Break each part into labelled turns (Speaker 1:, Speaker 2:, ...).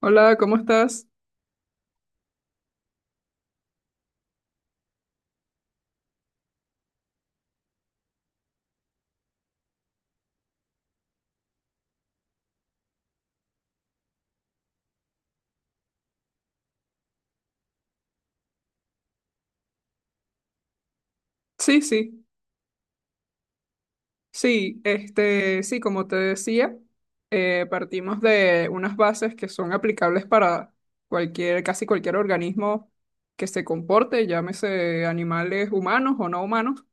Speaker 1: Hola, ¿cómo estás? Sí, sí, sí, sí, como te decía, partimos de unas bases que son aplicables para cualquier, casi cualquier organismo que se comporte, llámese animales humanos o no humanos,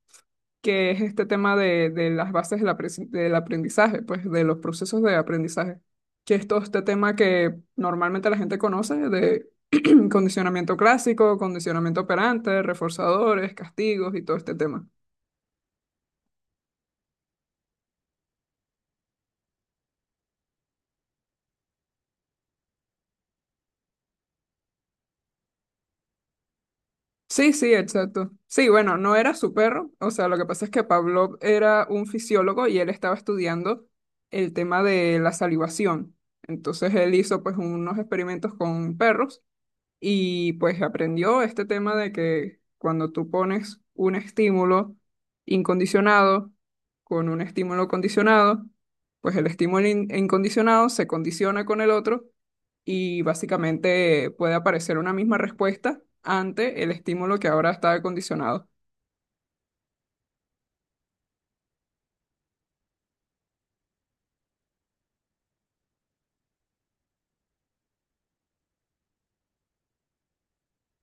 Speaker 1: que es este tema de las bases del aprendizaje, pues de los procesos de aprendizaje, que es todo este tema que normalmente la gente conoce de condicionamiento clásico, condicionamiento operante, reforzadores, castigos y todo este tema. Sí, sí, exacto. Sí, bueno, no era su perro. O sea, lo que pasa es que Pavlov era un fisiólogo y él estaba estudiando el tema de la salivación. Entonces él hizo pues unos experimentos con perros y pues aprendió este tema de que cuando tú pones un estímulo incondicionado con un estímulo condicionado, pues el estímulo incondicionado se condiciona con el otro y básicamente puede aparecer una misma respuesta ante el estímulo que ahora está condicionado.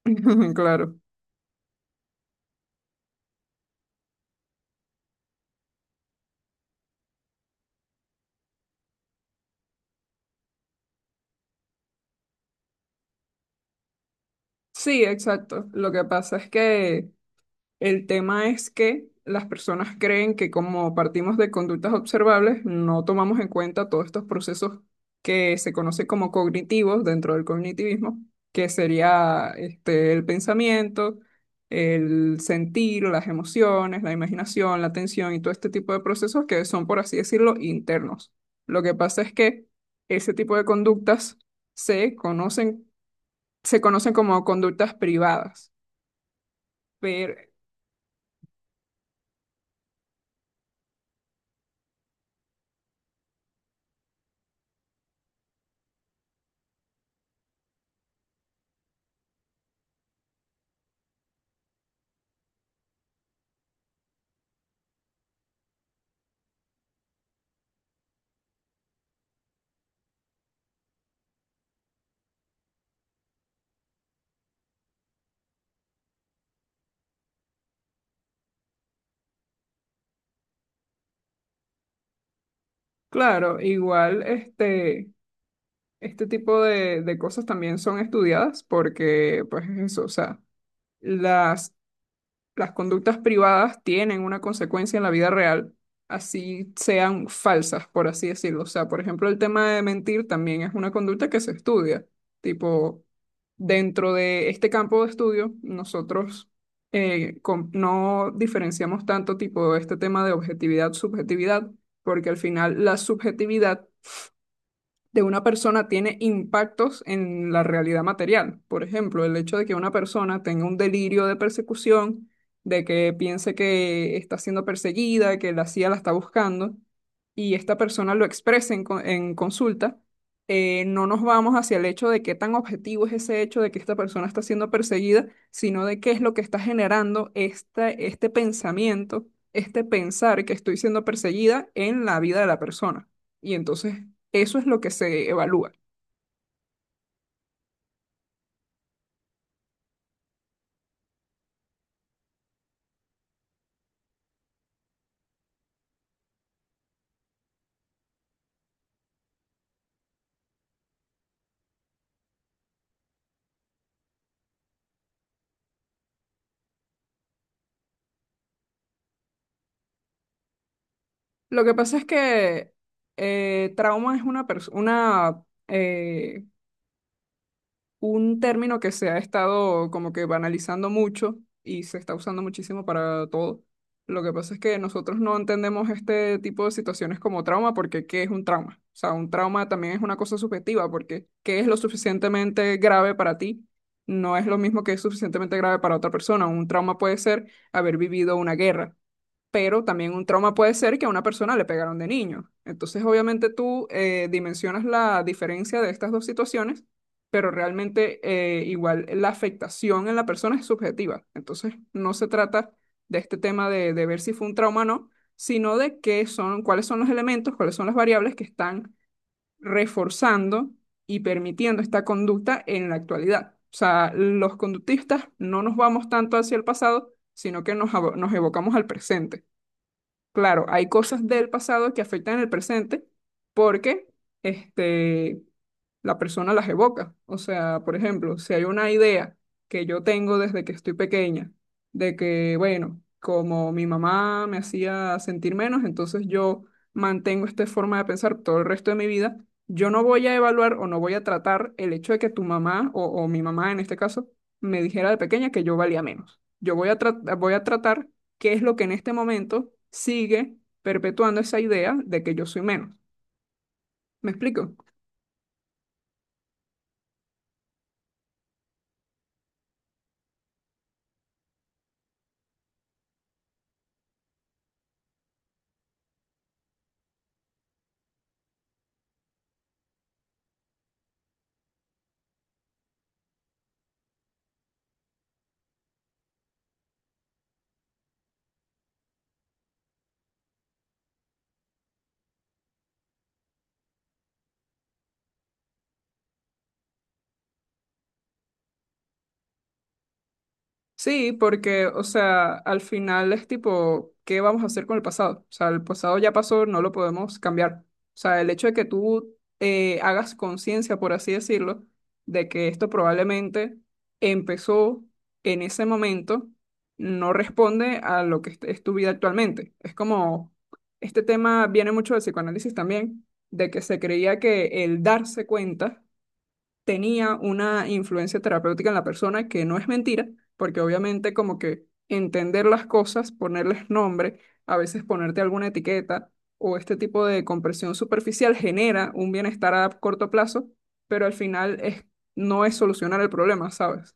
Speaker 1: Claro. Sí, exacto. Lo que pasa es que el tema es que las personas creen que como partimos de conductas observables, no tomamos en cuenta todos estos procesos que se conocen como cognitivos dentro del cognitivismo, que sería este, el pensamiento, el sentir, las emociones, la imaginación, la atención y todo este tipo de procesos que son, por así decirlo, internos. Lo que pasa es que ese tipo de conductas se conocen, se conocen como conductas privadas. Pero claro, igual este, este tipo de cosas también son estudiadas porque, pues eso, o sea, las, las conductas privadas tienen una consecuencia en la vida real, así sean falsas, por así decirlo. O sea, por ejemplo, el tema de mentir también es una conducta que se estudia. Tipo, dentro de este campo de estudio, nosotros no diferenciamos tanto tipo este tema de objetividad-subjetividad, porque al final la subjetividad de una persona tiene impactos en la realidad material. Por ejemplo, el hecho de que una persona tenga un delirio de persecución, de que piense que está siendo perseguida, que la CIA la está buscando, y esta persona lo exprese en consulta, no nos vamos hacia el hecho de qué tan objetivo es ese hecho de que esta persona está siendo perseguida, sino de qué es lo que está generando este pensamiento, este pensar que estoy siendo perseguida en la vida de la persona. Y entonces eso es lo que se evalúa. Lo que pasa es que trauma es eh, un término que se ha estado como que banalizando mucho y se está usando muchísimo para todo. Lo que pasa es que nosotros no entendemos este tipo de situaciones como trauma porque ¿qué es un trauma? O sea, un trauma también es una cosa subjetiva porque ¿qué es lo suficientemente grave para ti? No es lo mismo que es suficientemente grave para otra persona. Un trauma puede ser haber vivido una guerra, pero también un trauma puede ser que a una persona le pegaron de niño. Entonces, obviamente tú dimensionas la diferencia de estas dos situaciones, pero realmente igual la afectación en la persona es subjetiva. Entonces, no se trata de este tema de ver si fue un trauma o no, sino de qué son, cuáles son los elementos, cuáles son las variables que están reforzando y permitiendo esta conducta en la actualidad. O sea, los conductistas no nos vamos tanto hacia el pasado, sino que nos evocamos al presente. Claro, hay cosas del pasado que afectan el presente porque este, la persona las evoca. O sea, por ejemplo, si hay una idea que yo tengo desde que estoy pequeña, de que, bueno, como mi mamá me hacía sentir menos, entonces yo mantengo esta forma de pensar todo el resto de mi vida, yo no voy a evaluar o no voy a tratar el hecho de que tu mamá o mi mamá en este caso me dijera de pequeña que yo valía menos. Yo voy a, voy a tratar qué es lo que en este momento sigue perpetuando esa idea de que yo soy menos. ¿Me explico? Sí, porque, o sea, al final es tipo, ¿qué vamos a hacer con el pasado? O sea, el pasado ya pasó, no lo podemos cambiar. O sea, el hecho de que tú hagas conciencia, por así decirlo, de que esto probablemente empezó en ese momento, no responde a lo que es tu vida actualmente. Es como, este tema viene mucho del psicoanálisis también, de que se creía que el darse cuenta tenía una influencia terapéutica en la persona, que no es mentira, porque obviamente como que entender las cosas, ponerles nombre, a veces ponerte alguna etiqueta o este tipo de compresión superficial genera un bienestar a corto plazo, pero al final es, no es solucionar el problema, ¿sabes?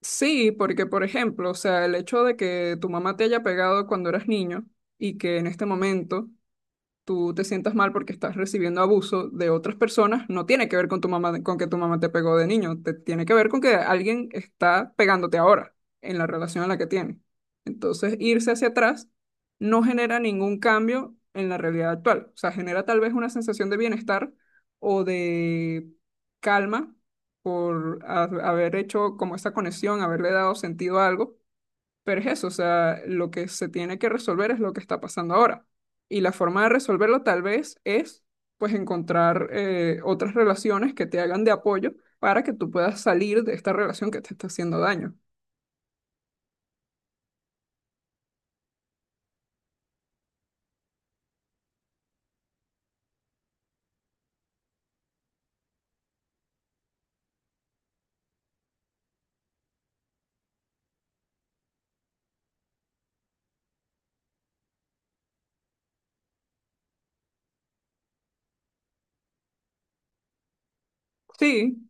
Speaker 1: Sí, porque por ejemplo, o sea, el hecho de que tu mamá te haya pegado cuando eras niño y que en este momento tú te sientas mal porque estás recibiendo abuso de otras personas, no tiene que ver con tu mamá, con que tu mamá te pegó de niño, te tiene que ver con que alguien está pegándote ahora en la relación en la que tiene. Entonces, irse hacia atrás no genera ningún cambio en la realidad actual. O sea, genera tal vez una sensación de bienestar o de calma por haber hecho como esa conexión, haberle dado sentido a algo, pero es eso, o sea, lo que se tiene que resolver es lo que está pasando ahora. Y la forma de resolverlo tal vez es, pues, encontrar otras relaciones que te hagan de apoyo para que tú puedas salir de esta relación que te está haciendo daño. Sí,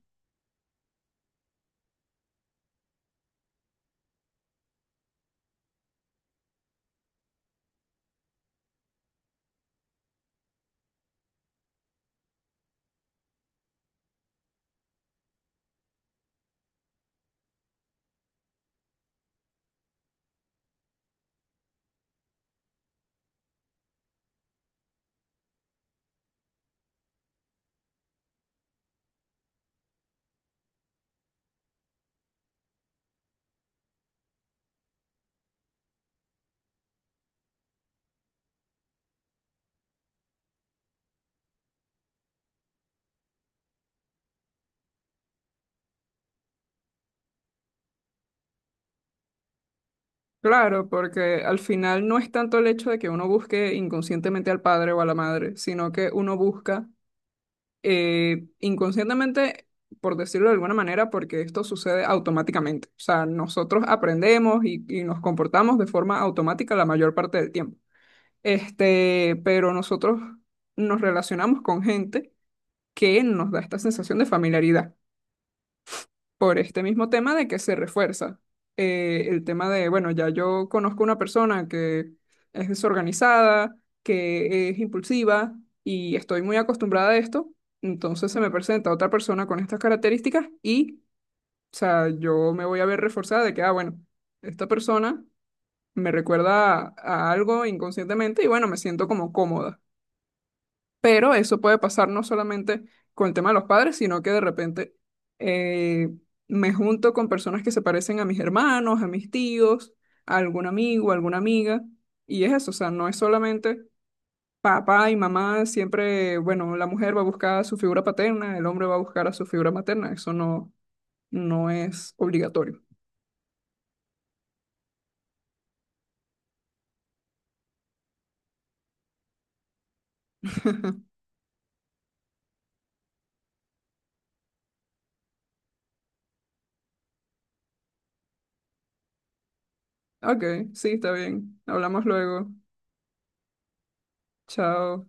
Speaker 1: claro, porque al final no es tanto el hecho de que uno busque inconscientemente al padre o a la madre, sino que uno busca inconscientemente, por decirlo de alguna manera, porque esto sucede automáticamente. O sea, nosotros aprendemos y nos comportamos de forma automática la mayor parte del tiempo. Este, pero nosotros nos relacionamos con gente que nos da esta sensación de familiaridad por este mismo tema de que se refuerza el tema de, bueno, ya yo conozco una persona que es desorganizada, que es impulsiva y estoy muy acostumbrada a esto, entonces se me presenta otra persona con estas características y, o sea, yo me voy a ver reforzada de que, ah, bueno, esta persona me recuerda a algo inconscientemente y bueno, me siento como cómoda. Pero eso puede pasar no solamente con el tema de los padres, sino que de repente eh, me junto con personas que se parecen a mis hermanos, a mis tíos, a algún amigo, a alguna amiga. Y es eso, o sea, no es solamente papá y mamá, siempre, bueno, la mujer va a buscar a su figura paterna, el hombre va a buscar a su figura materna. Eso no, no es obligatorio. Ok, sí, está bien. Hablamos luego. Chao.